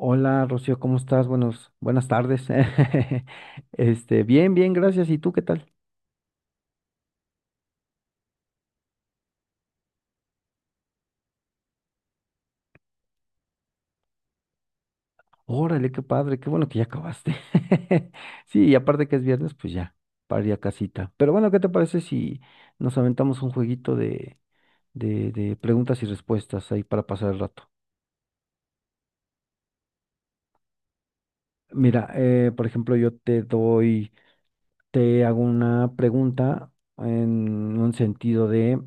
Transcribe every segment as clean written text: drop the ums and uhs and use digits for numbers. Hola, Rocío, ¿cómo estás? Buenas tardes. Bien, gracias. ¿Y tú qué tal? Órale, qué padre, qué bueno que ya acabaste. Sí, y aparte que es viernes, pues ya, para ir a casita. Pero bueno, ¿qué te parece si nos aventamos un jueguito de preguntas y respuestas ahí para pasar el rato? Mira, por ejemplo, yo te doy te hago una pregunta en un sentido de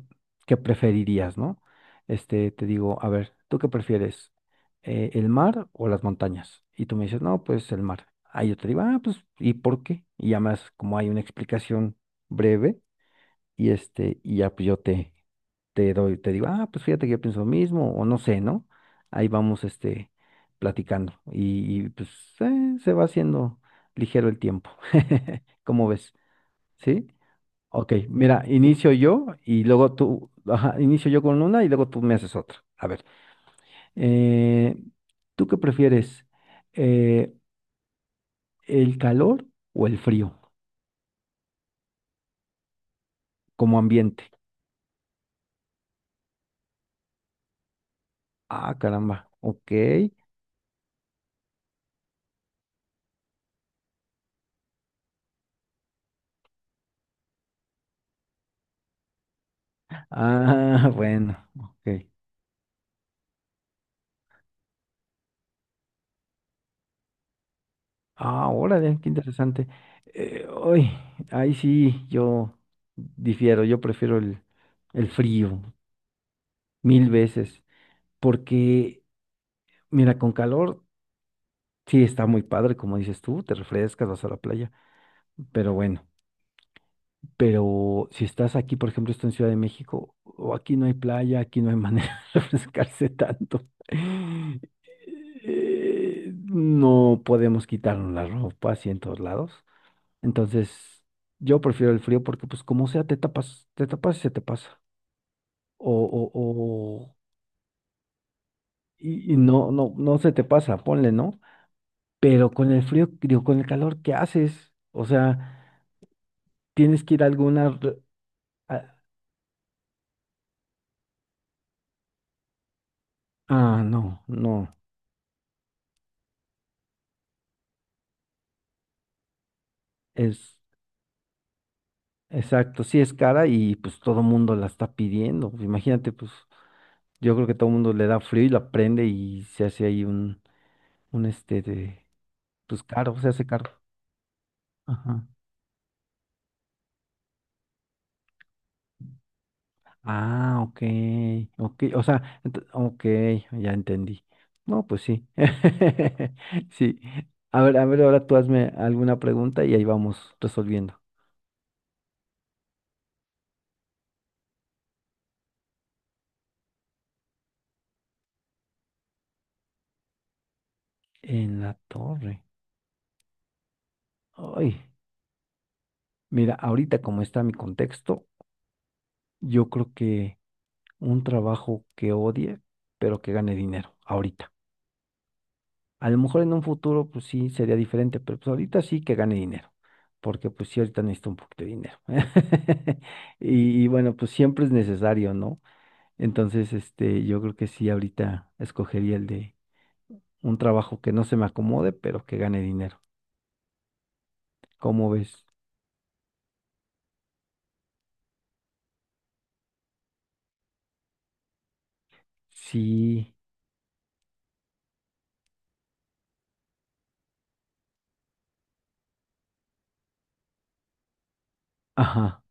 qué preferirías, ¿no? Te digo, a ver, ¿tú qué prefieres? ¿El mar o las montañas? Y tú me dices, no, pues el mar. Ahí yo te digo, ah, pues, ¿y por qué? Y ya más, como hay una explicación breve, y este, y ya pues te doy, te digo, ah, pues fíjate que yo pienso lo mismo, o no sé, ¿no? Ahí vamos, este, platicando. Pues se va haciendo ligero el tiempo. ¿Cómo ves? ¿Sí? Ok, mira, inicio yo y luego tú, ajá, inicio yo con una y luego tú me haces otra. A ver, eh, ¿tú qué prefieres? Eh, ¿El calor o el frío como ambiente? Ah, caramba, ok. Ah, bueno, ok. Ah, órale, qué interesante. Uy, ahí sí yo difiero, yo prefiero el frío mil veces, porque, mira, con calor. Sí, está muy padre, como dices tú, te refrescas, vas a la playa, pero bueno, pero si estás aquí, por ejemplo, estoy en Ciudad de México, o aquí no hay playa, aquí no hay manera de refrescarse tanto. No podemos quitarnos la ropa así en todos lados. Entonces, yo prefiero el frío porque, pues, como sea, te tapas y se te pasa. O, o, o, no, se te pasa, ponle, ¿no? Pero con el frío, digo, con el calor, ¿qué haces? O sea... Tienes que ir a alguna... a- ah, no, no, es exacto, sí es cara y pues todo mundo la está pidiendo. Imagínate, pues yo creo que todo mundo le da frío y la prende y se hace ahí un este de, pues caro, se hace caro. Ajá. Ah, ok, ok, o sea, ok, ya entendí. No, pues sí, sí. A ver, ahora tú hazme alguna pregunta y ahí vamos resolviendo. En la torre. Ay. Mira, ahorita como está mi contexto, yo creo que un trabajo que odie, pero que gane dinero, ahorita. A lo mejor en un futuro, pues sí, sería diferente, pero pues ahorita sí que gane dinero, porque pues sí, ahorita necesito un poquito de dinero. Bueno, pues siempre es necesario, ¿no? Entonces, este, yo creo que sí, ahorita escogería el de un trabajo que no se me acomode, pero que gane dinero. ¿Cómo ves? Sí, ajá.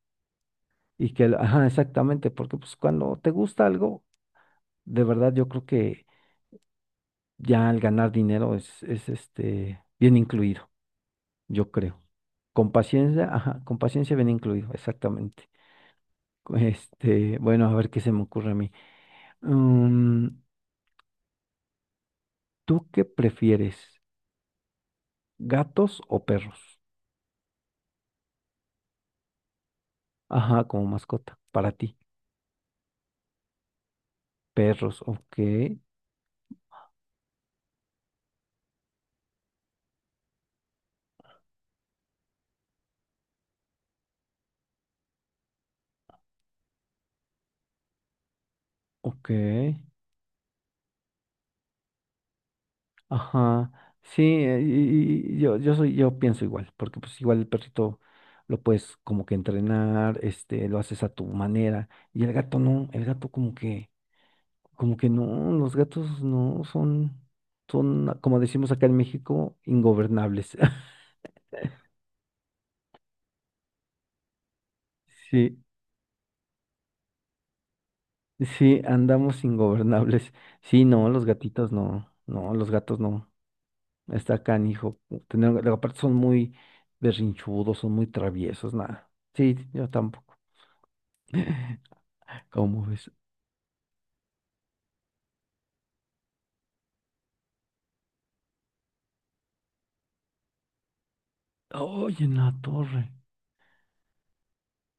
Ajá, exactamente, porque pues cuando te gusta algo de verdad, yo creo que ya al ganar dinero es este bien incluido, yo creo. Con paciencia, ajá, con paciencia bien incluido, exactamente. Este, bueno, a ver qué se me ocurre a mí. Mm, ¿tú qué prefieres? ¿Gatos o perros? Ajá, como mascota, para ti. Perros, ok, ok. Ajá, sí, yo soy, yo pienso igual, porque pues igual el perrito lo puedes como que entrenar, este, lo haces a tu manera, y el gato no, el gato como que no, los gatos no son, son, ah, como decimos acá en México, ingobernables. Sí, sí, andamos ingobernables. Sí, no, los gatitos no, no, los gatos no. Está canijo. Tener, luego aparte son muy berrinchudos, son muy traviesos, nada. Sí, yo tampoco. ¿Cómo ves? Oye, ¡en la torre!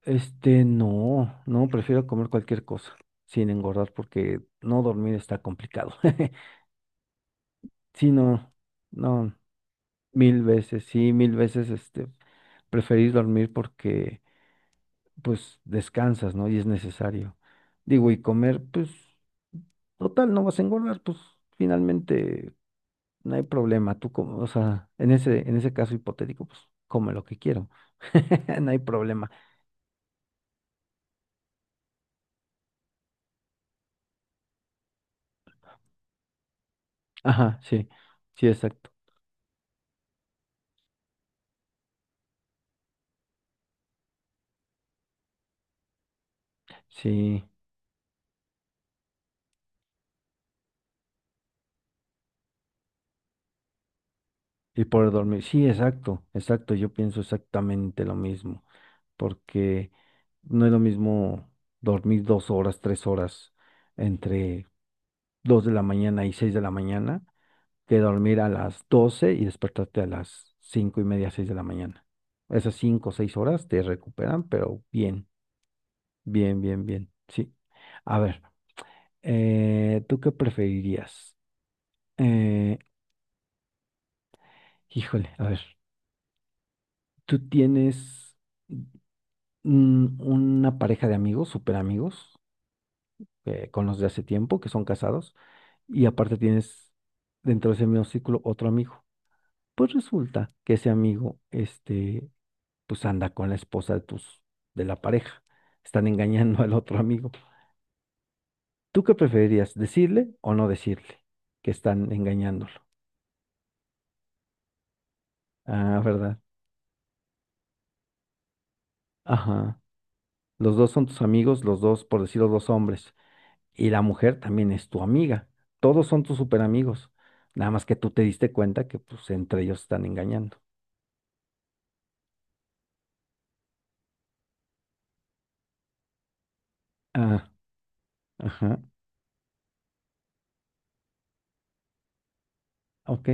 Este, no, no, prefiero comer cualquier cosa sin engordar porque no dormir está complicado. Sí, no, no, mil veces, sí, mil veces, este, preferís dormir porque, pues, descansas, ¿no? Y es necesario. Digo, y comer, pues, total, no vas a engordar, pues, finalmente no hay problema. Tú, como, o sea, en ese caso hipotético, pues, come lo que quiero. No hay problema. Ajá, sí, sí, exacto. Sí, y por dormir. Sí, exacto, exacto. Yo pienso exactamente lo mismo, porque no es lo mismo dormir dos horas, tres horas entre dos de la mañana y seis de la mañana que dormir a las doce y despertarte a las cinco y media, seis de la mañana. Esas cinco o seis horas te recuperan, pero bien, bien. Sí. A ver, ¿tú qué preferirías? Eh, híjole, a ver. ¿Tú tienes mm, una pareja de amigos, súper amigos, con los de hace tiempo, que son casados, y aparte tienes dentro de ese mismo círculo otro amigo? Pues resulta que ese amigo, este, pues anda con la esposa de tus, de la pareja. Están engañando al otro amigo. ¿Tú qué preferirías, decirle o no decirle que están engañándolo? Ah, ¿verdad? Ajá. Los dos son tus amigos, los dos, por decirlo, dos hombres, y la mujer también es tu amiga. Todos son tus super amigos. Nada más que tú te diste cuenta que pues entre ellos están engañando. Ah, ajá, ok.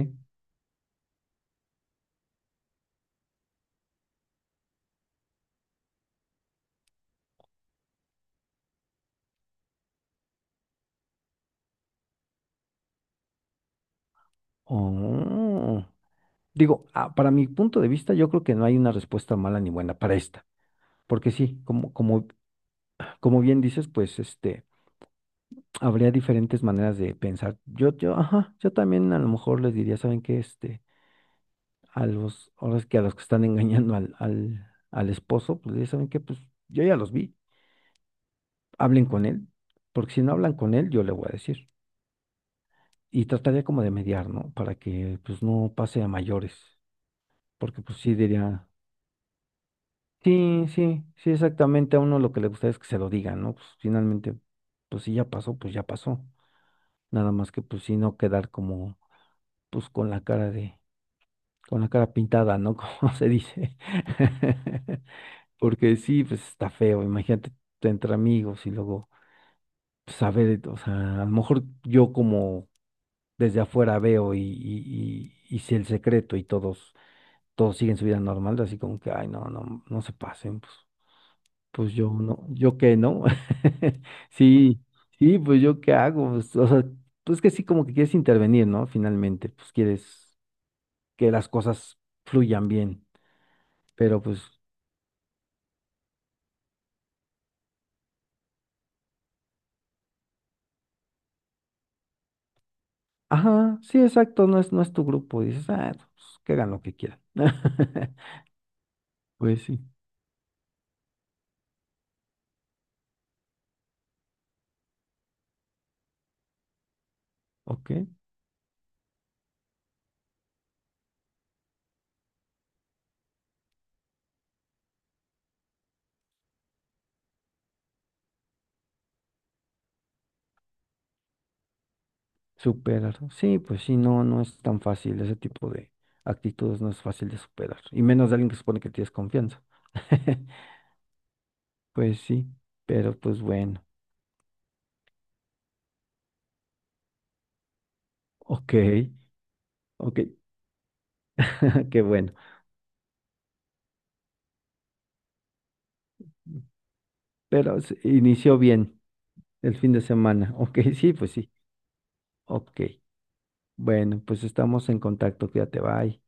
Oh. Digo, ah, para mi punto de vista, yo creo que no hay una respuesta mala ni buena para esta. Porque sí, como bien dices, pues este, habría diferentes maneras de pensar. Ajá, yo también a lo mejor les diría, ¿saben qué? Este, ahora es que a los que están engañando al esposo, pues ya saben que pues yo ya los vi, hablen con él, porque si no hablan con él, yo le voy a decir. Y trataría como de mediar, ¿no? Para que pues no pase a mayores, porque pues sí diría, sí, exactamente, a uno lo que le gusta es que se lo digan, ¿no? Pues finalmente, pues si ya pasó, pues ya pasó. Nada más que pues sí no quedar como, pues con la cara de, con la cara pintada, ¿no? Como se dice. Porque sí, pues está feo, imagínate entre amigos y luego saber, o sea, a lo mejor yo como desde afuera veo y sé el secreto y todos, todos siguen su vida normal, así como que, ay, no, no se pasen, pues, pues yo no, yo qué, ¿no? Sí, sí, pues yo qué hago, pues, o sea, pues que sí, como que quieres intervenir, ¿no? Finalmente, pues quieres que las cosas fluyan bien, pero pues, ajá, sí, exacto, no es tu grupo, dices, ah, pues que hagan lo que quieran. Pues sí, ok. Superar. ¿No? Sí, pues sí, no, no es tan fácil. Ese tipo de actitudes no es fácil de superar. Y menos de alguien que supone que tienes confianza. Pues sí, pero pues bueno. Ok, ok, qué bueno. Pero se inició bien el fin de semana. Ok, sí, pues sí. Ok. Bueno, pues estamos en contacto. Cuídate, bye.